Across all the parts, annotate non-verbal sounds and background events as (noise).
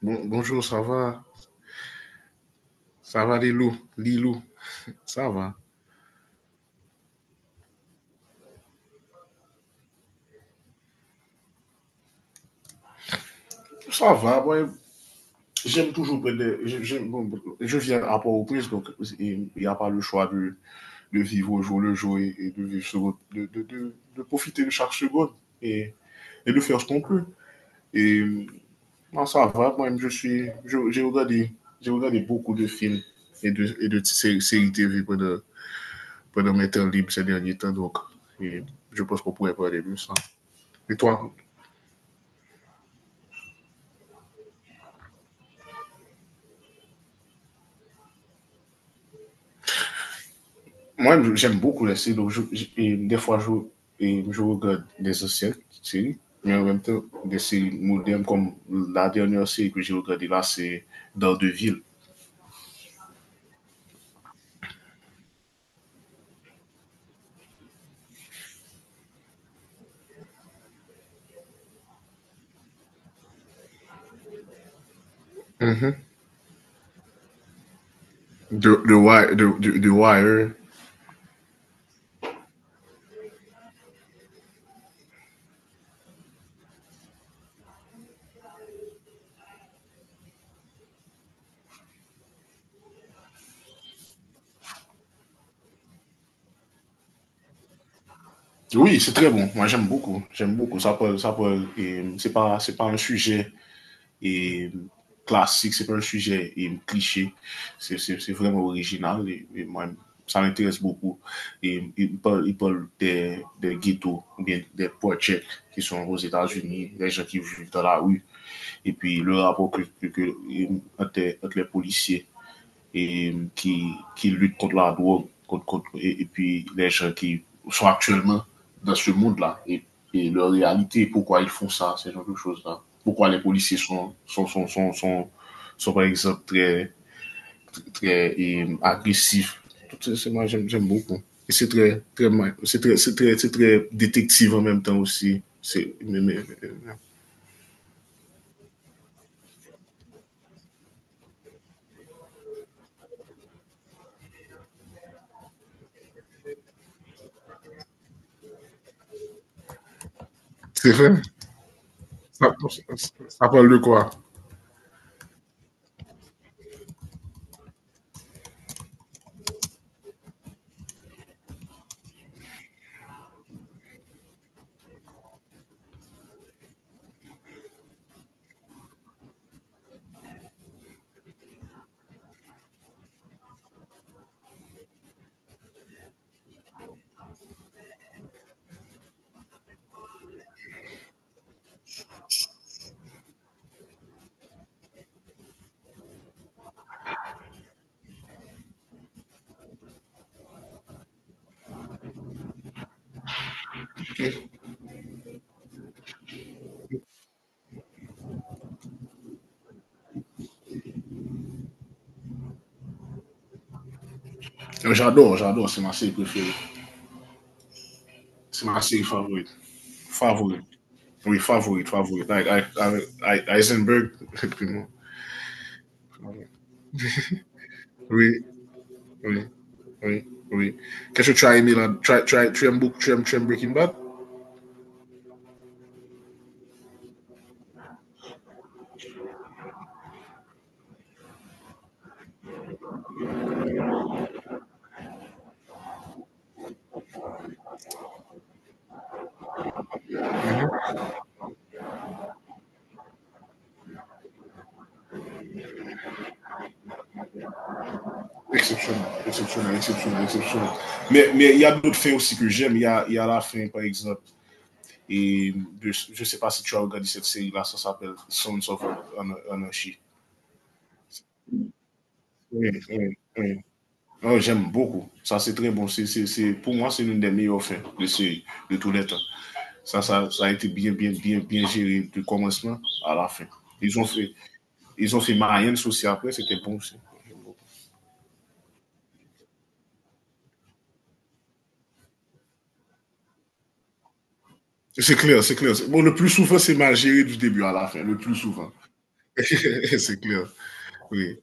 Bonjour, ça va? Ça va, Lilou? Lilou, ça va? Ça va, ouais. j'aime toujours prendre des- je- j'aime- bon, je viens à Port-au-Prince, donc il n'y a pas le choix de vivre au jour le jour, et de, vivre sur- de profiter de chaque seconde, et, et de faire ce qu'on peut. Et non, ça va, moi, je suis, je- j'ai regardé beaucoup de films et de séries TV pendant mes temps libres ces derniers temps, donc et je pense qu'on pourrait parler de ça. Et toi? Moi, j'aime beaucoup les séries. Et des fois, et je regarde des anciennes séries, mais en même temps, des séries modernes, comme la dernière série que j'ai regardée là, c'est Dans deux villes. Mhm. The, the, Wi- the, the, the Wire. Oui, c'est très bon. Moi, j'aime beaucoup. J'aime beaucoup. Ça parle, c'est pas un sujet et classique, c'est pas un sujet cliché, c'est vraiment original, et moi, ça m'intéresse beaucoup. Et il parle des ghettos ou bien des projets qui sont aux États-Unis, des gens qui vivent dans la rue, et puis le rapport que entre les policiers et, qui luttent contre la drogue, contre, contre puis les gens qui sont actuellement dans ce monde-là, et leur réalité, pourquoi ils font ça, ce genre de choses-là. Pourquoi les policiers sont par exemple très agressifs. Tout ça, moi, j'aime beaucoup. Et c'est très, très, c'est très, c'est très, c'est très détective en même temps aussi. Mais, euh, c'est vrai. Ça, ça, ça prend le quoi. J'adore, j'adore. C'est ma série préférée. C'est ma série favorite. Favorite. Oui, favorite, favorite. Like, I avec Heisenberg. (laughs) Oui, oui, oui, oui. Qu'est-ce que tu as aimé là? Tu aimes beaucoup, tu aimes Breaking Bad? Exceptionnel, exceptionnel, exceptionnel, exceptionnel. Mais y a d'autres faits aussi que j'aime. Il y a la fin, par exemple. Et je ne sais pas si tu as regardé cette série-là, ça s'appelle Sons of Anarchy. Oui, oui, oui. Oh, j'aime beaucoup. Ça, c'est très bon. Pour moi, c'est l'une des meilleures fins de série de tous les temps. Ça a été bien géré du commencement à la fin. Ils ont fait, ils ont fait Marianne aussi après, c'était bon aussi. C'est clair, c'est clair. Bon, le plus souvent, c'est mal géré du début à la fin, le plus souvent. (laughs) C'est clair, oui.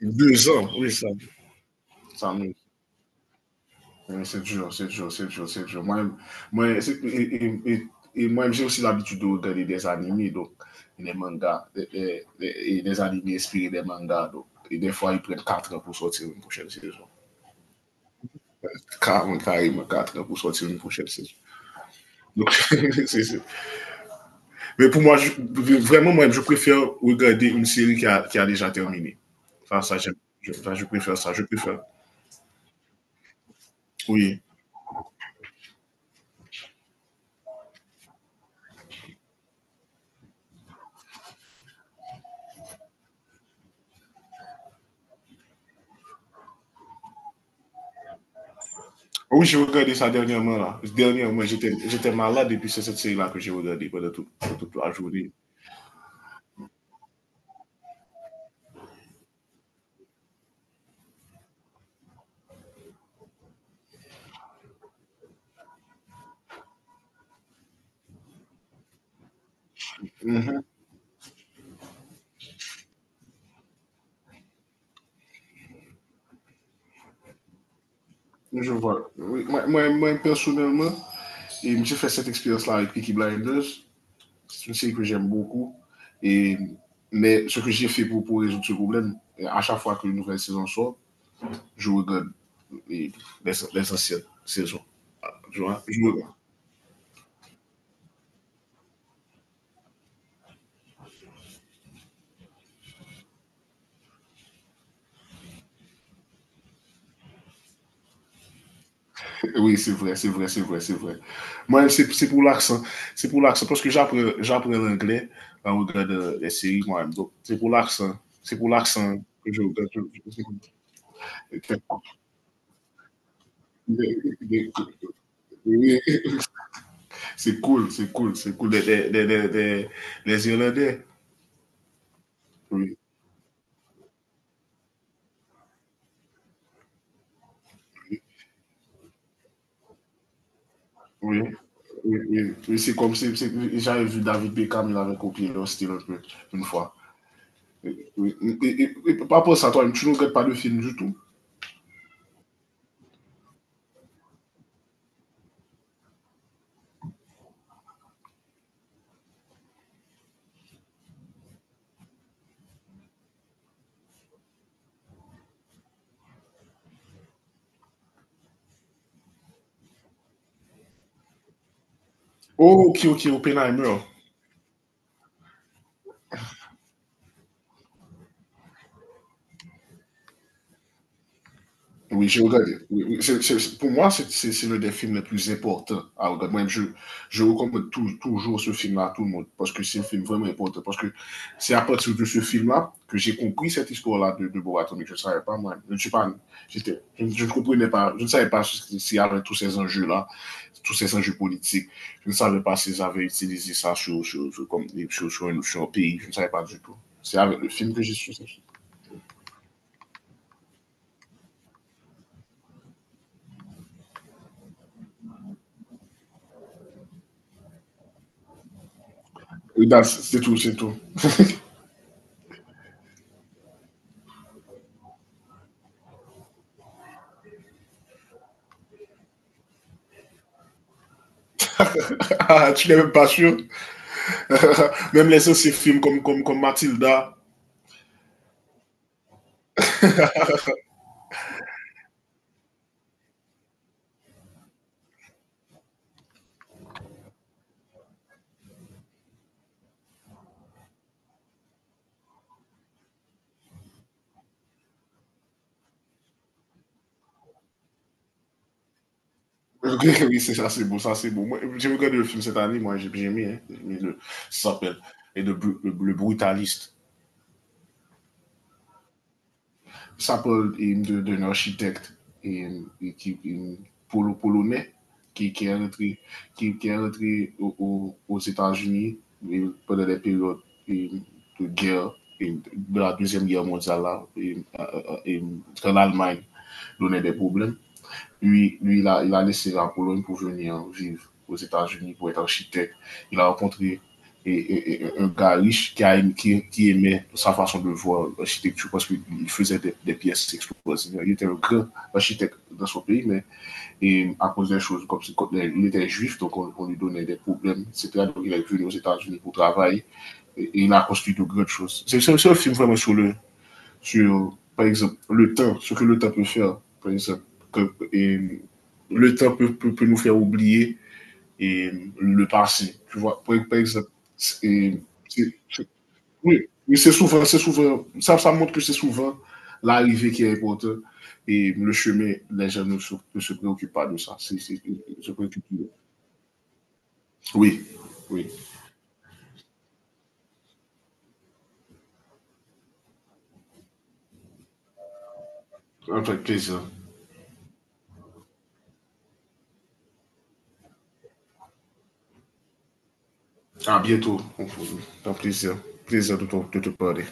2 ans, oui, ça me. Oui, c'est dur, c'est dur, c'est dur, c'est dur. Moi, moi et, et, j'ai aussi l'habitude de regarder des animés, donc des mangas, et des animés inspirés des mangas, donc, et des fois, ils prennent 4 ans pour sortir une prochaine saison. Carrément, carrément, 80 pour sortir une prochaine saison. Donc, (laughs) mais pour moi, vraiment, moi, je préfère regarder une série qui a déjà terminé. Enfin, ça, j'aime. Enfin, je préfère ça, je préfère. Oui. Ah oui, j'ai regardé ça dernièrement, là. Dernièrement, j'étais malade et puis c'est cette série-là que j'ai regardée pendant toute la journée. Je vois. Oui. Moi, personnellement, j'ai fait cette expérience-là avec Peaky Blinders. C'est une série que j'aime beaucoup. Et, mais ce que j'ai fait pour résoudre ce problème, à chaque fois qu'une nouvelle saison sort, je regarde les, les anciennes saisons. Je regarde. Oui, c'est vrai, c'est vrai, c'est vrai, c'est vrai. Moi, c'est pour l'accent. C'est pour l'accent. Parce que j'apprends l'anglais en regardant les séries moi-même. Donc, c'est pour l'accent. C'est pour l'accent que je regarde. C'est cool, c'est cool, c'est cool. Les Irlandais, oui, oui, oui, oui, oui. C'est comme si j'avais vu David Beckham, il avait copié leur style un peu, une fois. Oui, oui, et par rapport à ça, toi, tu ne regrettes pas le film du tout? Oh, ok, ok, Oppenheimer. Oui, j'ai regardé. Oui, oui. Pour moi, c'est l'un des films les plus importants à regarder. Moi, je recommande toujours ce film-là à tout le monde parce que c'est un film vraiment important. Parce que c'est à partir de ce film-là que j'ai compris cette histoire-là de Borat Atomique. Je ne savais pas, moi. Je ne suis pas, je ne comprenais pas. Je ne savais pas si s'il y avait tous ces enjeux-là, tous ces enjeux politiques. Je ne savais pas s'ils avaient utilisé ça sur, sur, sur- comme, sur, sur un pays. Je ne savais pas du tout. C'est avec le film que j'ai su. Oui, bah, c'est tout, c'est tout. (laughs) Ah, tu n'es même pas sûr? (laughs) Même les anciens films comme Mathilda. (laughs) Oui, c'est ça, c'est beau, ça, c'est beau. Moi, j'ai regardé le film cette année, moi, j'ai aimé. Hein, j'ai aimé ça s'appelle et de le brutaliste. Ça parle d'un architecte et, et qui, et polonais, qui, qui est rentré, qui est rentré aux États-Unis pendant des périodes et de guerre, et de la Deuxième Guerre mondiale, là, et quand l'Allemagne donnait des problèmes. Lui, il a laissé la Pologne pour venir vivre aux États-Unis pour être architecte. Il a rencontré un gars riche qui aimait sa façon de voir l'architecture parce qu'il faisait des pièces explosives. Il était un grand architecte dans son pays, mais à cause des choses comme il était juif, donc on lui donnait des problèmes, etc. Donc il est venu aux États-Unis pour travailler, et il a construit de grandes choses. C'est un film vraiment sur, par exemple, le temps, ce que le temps peut faire, par exemple. que- et le temps peut nous faire oublier et le passé. Tu vois, par exemple. et c'est- c'est- oui, oui, c'est souvent, ça montre que c'est souvent l'arrivée qui est importante, et le chemin, les gens ne se préoccupent pas de ça. Ils se préoccupent. Oui, oui, avec plaisir. À bientôt. Un plaisir, plaisir de de te parler.